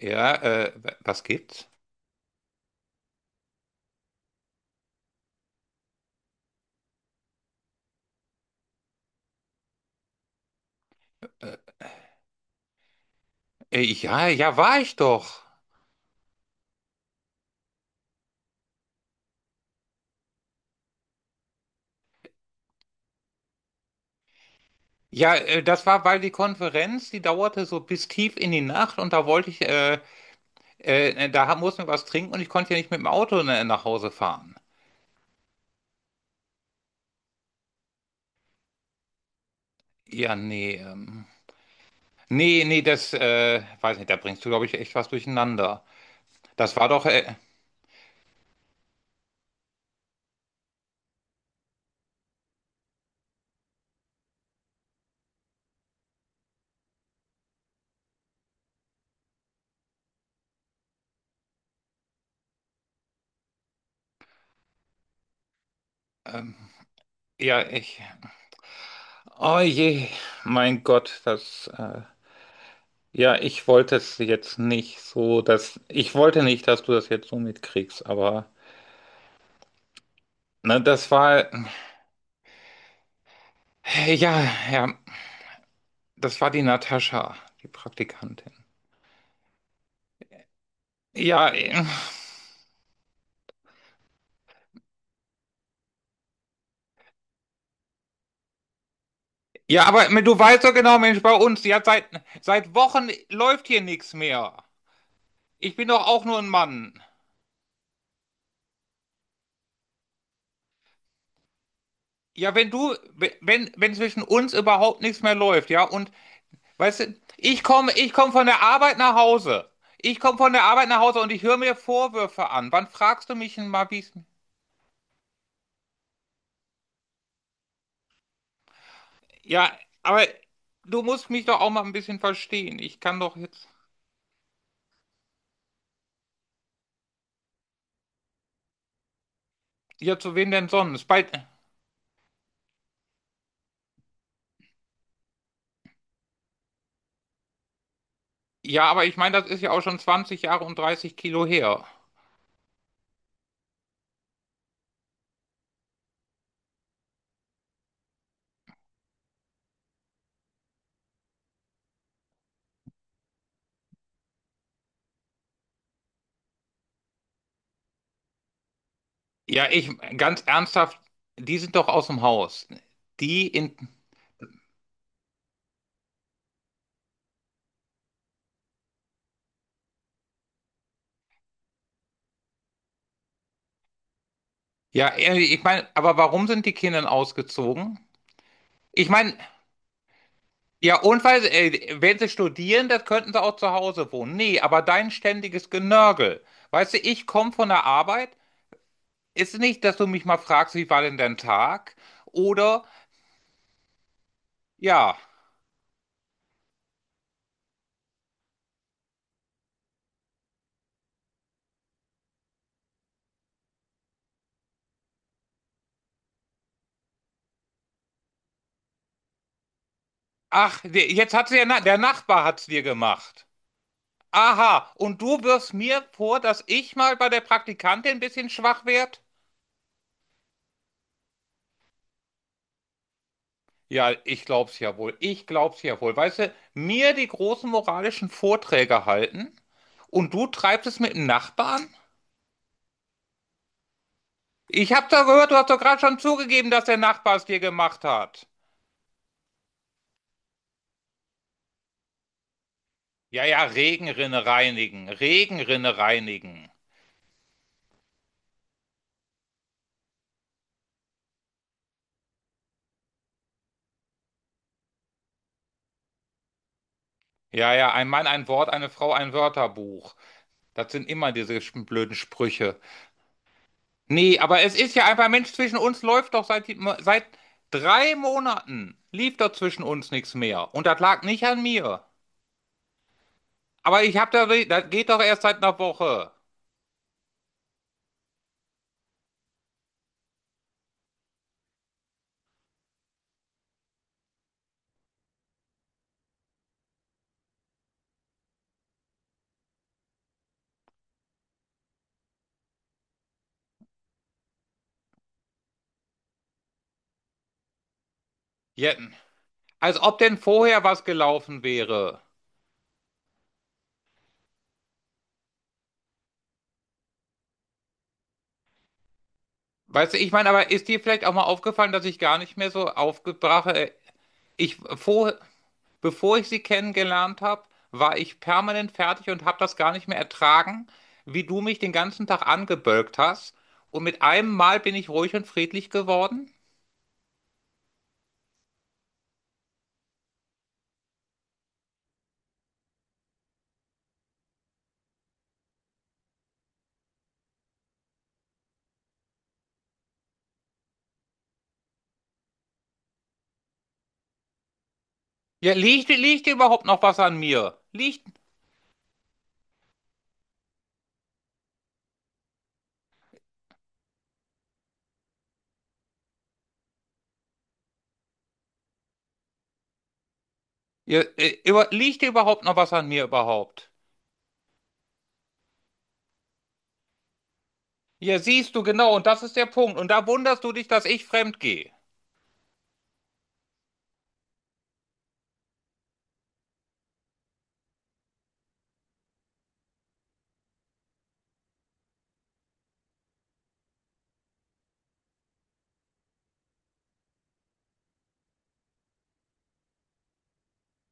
Ja, was gibt's? Äh, ja, ja, war ich doch. Ja, das war, weil die Konferenz, die dauerte so bis tief in die Nacht, und da wollte ich, mussten wir was trinken, und ich konnte ja nicht mit dem Auto nach Hause fahren. Ja, nee, nee, nee, das, weiß nicht, da bringst du, glaube ich, echt was durcheinander. Das war doch, ähm, ja, oh je, mein Gott, ja, ich wollte es jetzt nicht so, dass, ich wollte nicht, dass du das jetzt so mitkriegst, aber. Na, das war, ja, ja, das war die Natascha, die Praktikantin. Ja, äh, ja, aber du weißt doch genau, Mensch, bei uns, seit Wochen läuft hier nichts mehr. Ich bin doch auch nur ein Mann. Ja, wenn du, wenn, wenn zwischen uns überhaupt nichts mehr läuft, ja, und weißt du, ich komme von der Arbeit nach Hause. Ich komme von der Arbeit nach Hause, und ich höre mir Vorwürfe an. Wann fragst du mich denn mal, wie es. Ja, aber du musst mich doch auch mal ein bisschen verstehen. Ich kann doch jetzt. Ja, zu wem denn sonst? Bald. Ja, aber ich meine, das ist ja auch schon 20 Jahre und dreißig Kilo her. Ja, ich, ganz ernsthaft, die sind doch aus dem Haus. Die in. Ja, ich meine, aber warum sind die Kinder ausgezogen? Ich meine, ja, und weil, wenn sie studieren, das könnten sie auch zu Hause wohnen. Nee, aber dein ständiges Genörgel. Weißt du, ich komme von der Arbeit. Ist nicht, dass du mich mal fragst, wie war denn dein Tag? Oder, ja, ach, jetzt hat sie ja, der Nachbar hat's dir gemacht. Aha, und du wirfst mir vor, dass ich mal bei der Praktikantin ein bisschen schwach werd? Ja, ich glaub's ja wohl. Ich glaub's ja wohl. Weißt du, mir die großen moralischen Vorträge halten und du treibst es mit dem Nachbarn? Ich hab da gehört, du hast doch gerade schon zugegeben, dass der Nachbar es dir gemacht hat. Ja, ja, Regenrinne reinigen, Regenrinne reinigen. Ja, ja, ein Mann, ein Wort, eine Frau, ein Wörterbuch. Das sind immer diese blöden Sprüche. Nee, aber es ist ja einfach, Mensch, zwischen uns läuft doch seit drei Monaten, lief doch zwischen uns nichts mehr. Und das lag nicht an mir. Aber ich hab da, das geht doch erst seit einer Woche. Jetten. Als ob denn vorher was gelaufen wäre. Weißt du, ich meine, aber ist dir vielleicht auch mal aufgefallen, dass ich gar nicht mehr so aufgebracht, äh, ich vor, Bevor ich sie kennengelernt habe, war ich permanent fertig und habe das gar nicht mehr ertragen, wie du mich den ganzen Tag angebölkt hast. Und mit einem Mal bin ich ruhig und friedlich geworden. Ja, liegt dir überhaupt noch was an mir? Liegt dir überhaupt noch was an mir überhaupt? Ja, siehst du genau, und das ist der Punkt. Und da wunderst du dich, dass ich fremd gehe.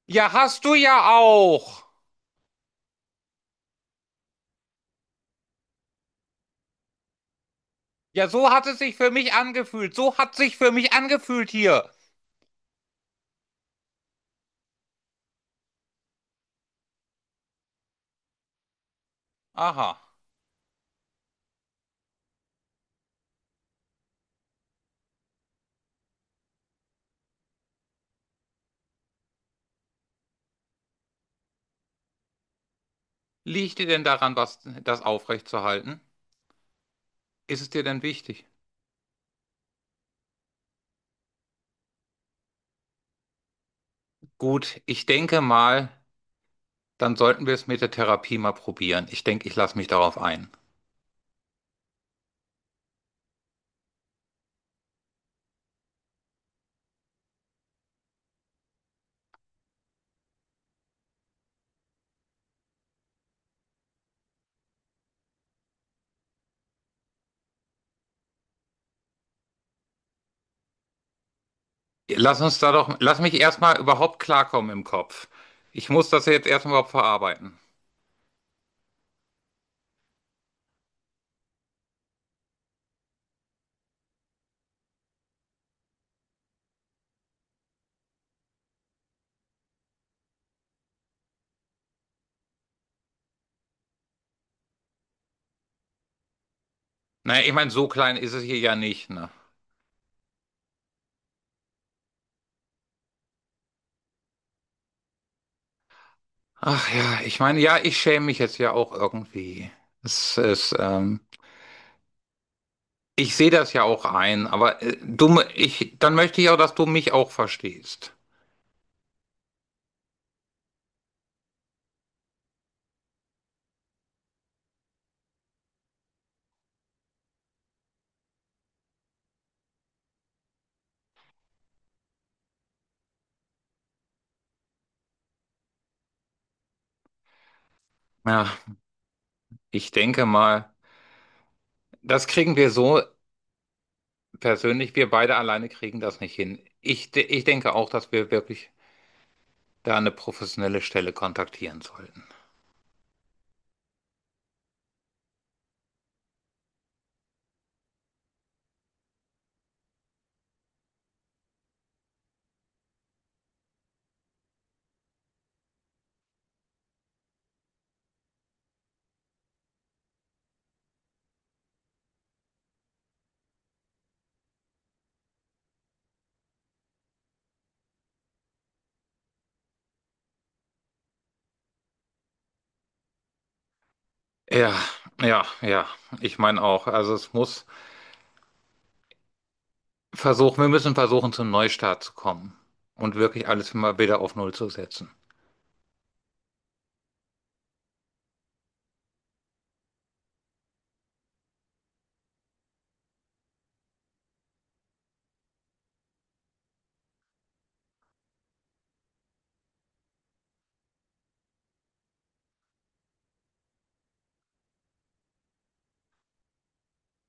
Ja, hast du ja auch. Ja, so hat es sich für mich angefühlt. So hat es sich für mich angefühlt hier. Aha. Liegt dir denn daran, was, das aufrechtzuerhalten? Ist es dir denn wichtig? Gut, ich denke mal, dann sollten wir es mit der Therapie mal probieren. Ich denke, ich lasse mich darauf ein. Lass uns da doch, lass mich erstmal überhaupt klarkommen im Kopf. Ich muss das jetzt erstmal überhaupt verarbeiten. Naja, ich meine, so klein ist es hier ja nicht, ne? Ach ja, ich meine, ja, ich schäme mich jetzt ja auch irgendwie. Es ist, ich sehe das ja auch ein, aber du, ich, dann möchte ich auch, dass du mich auch verstehst. Ja, ich denke mal. Das kriegen wir so persönlich. Wir beide alleine kriegen das nicht hin. Ich denke auch, dass wir wirklich da eine professionelle Stelle kontaktieren sollten. Ja, ja, ja. Ich meine auch. Also es muss versuchen, wir müssen versuchen, zum Neustart zu kommen und wirklich alles mal wieder auf Null zu setzen.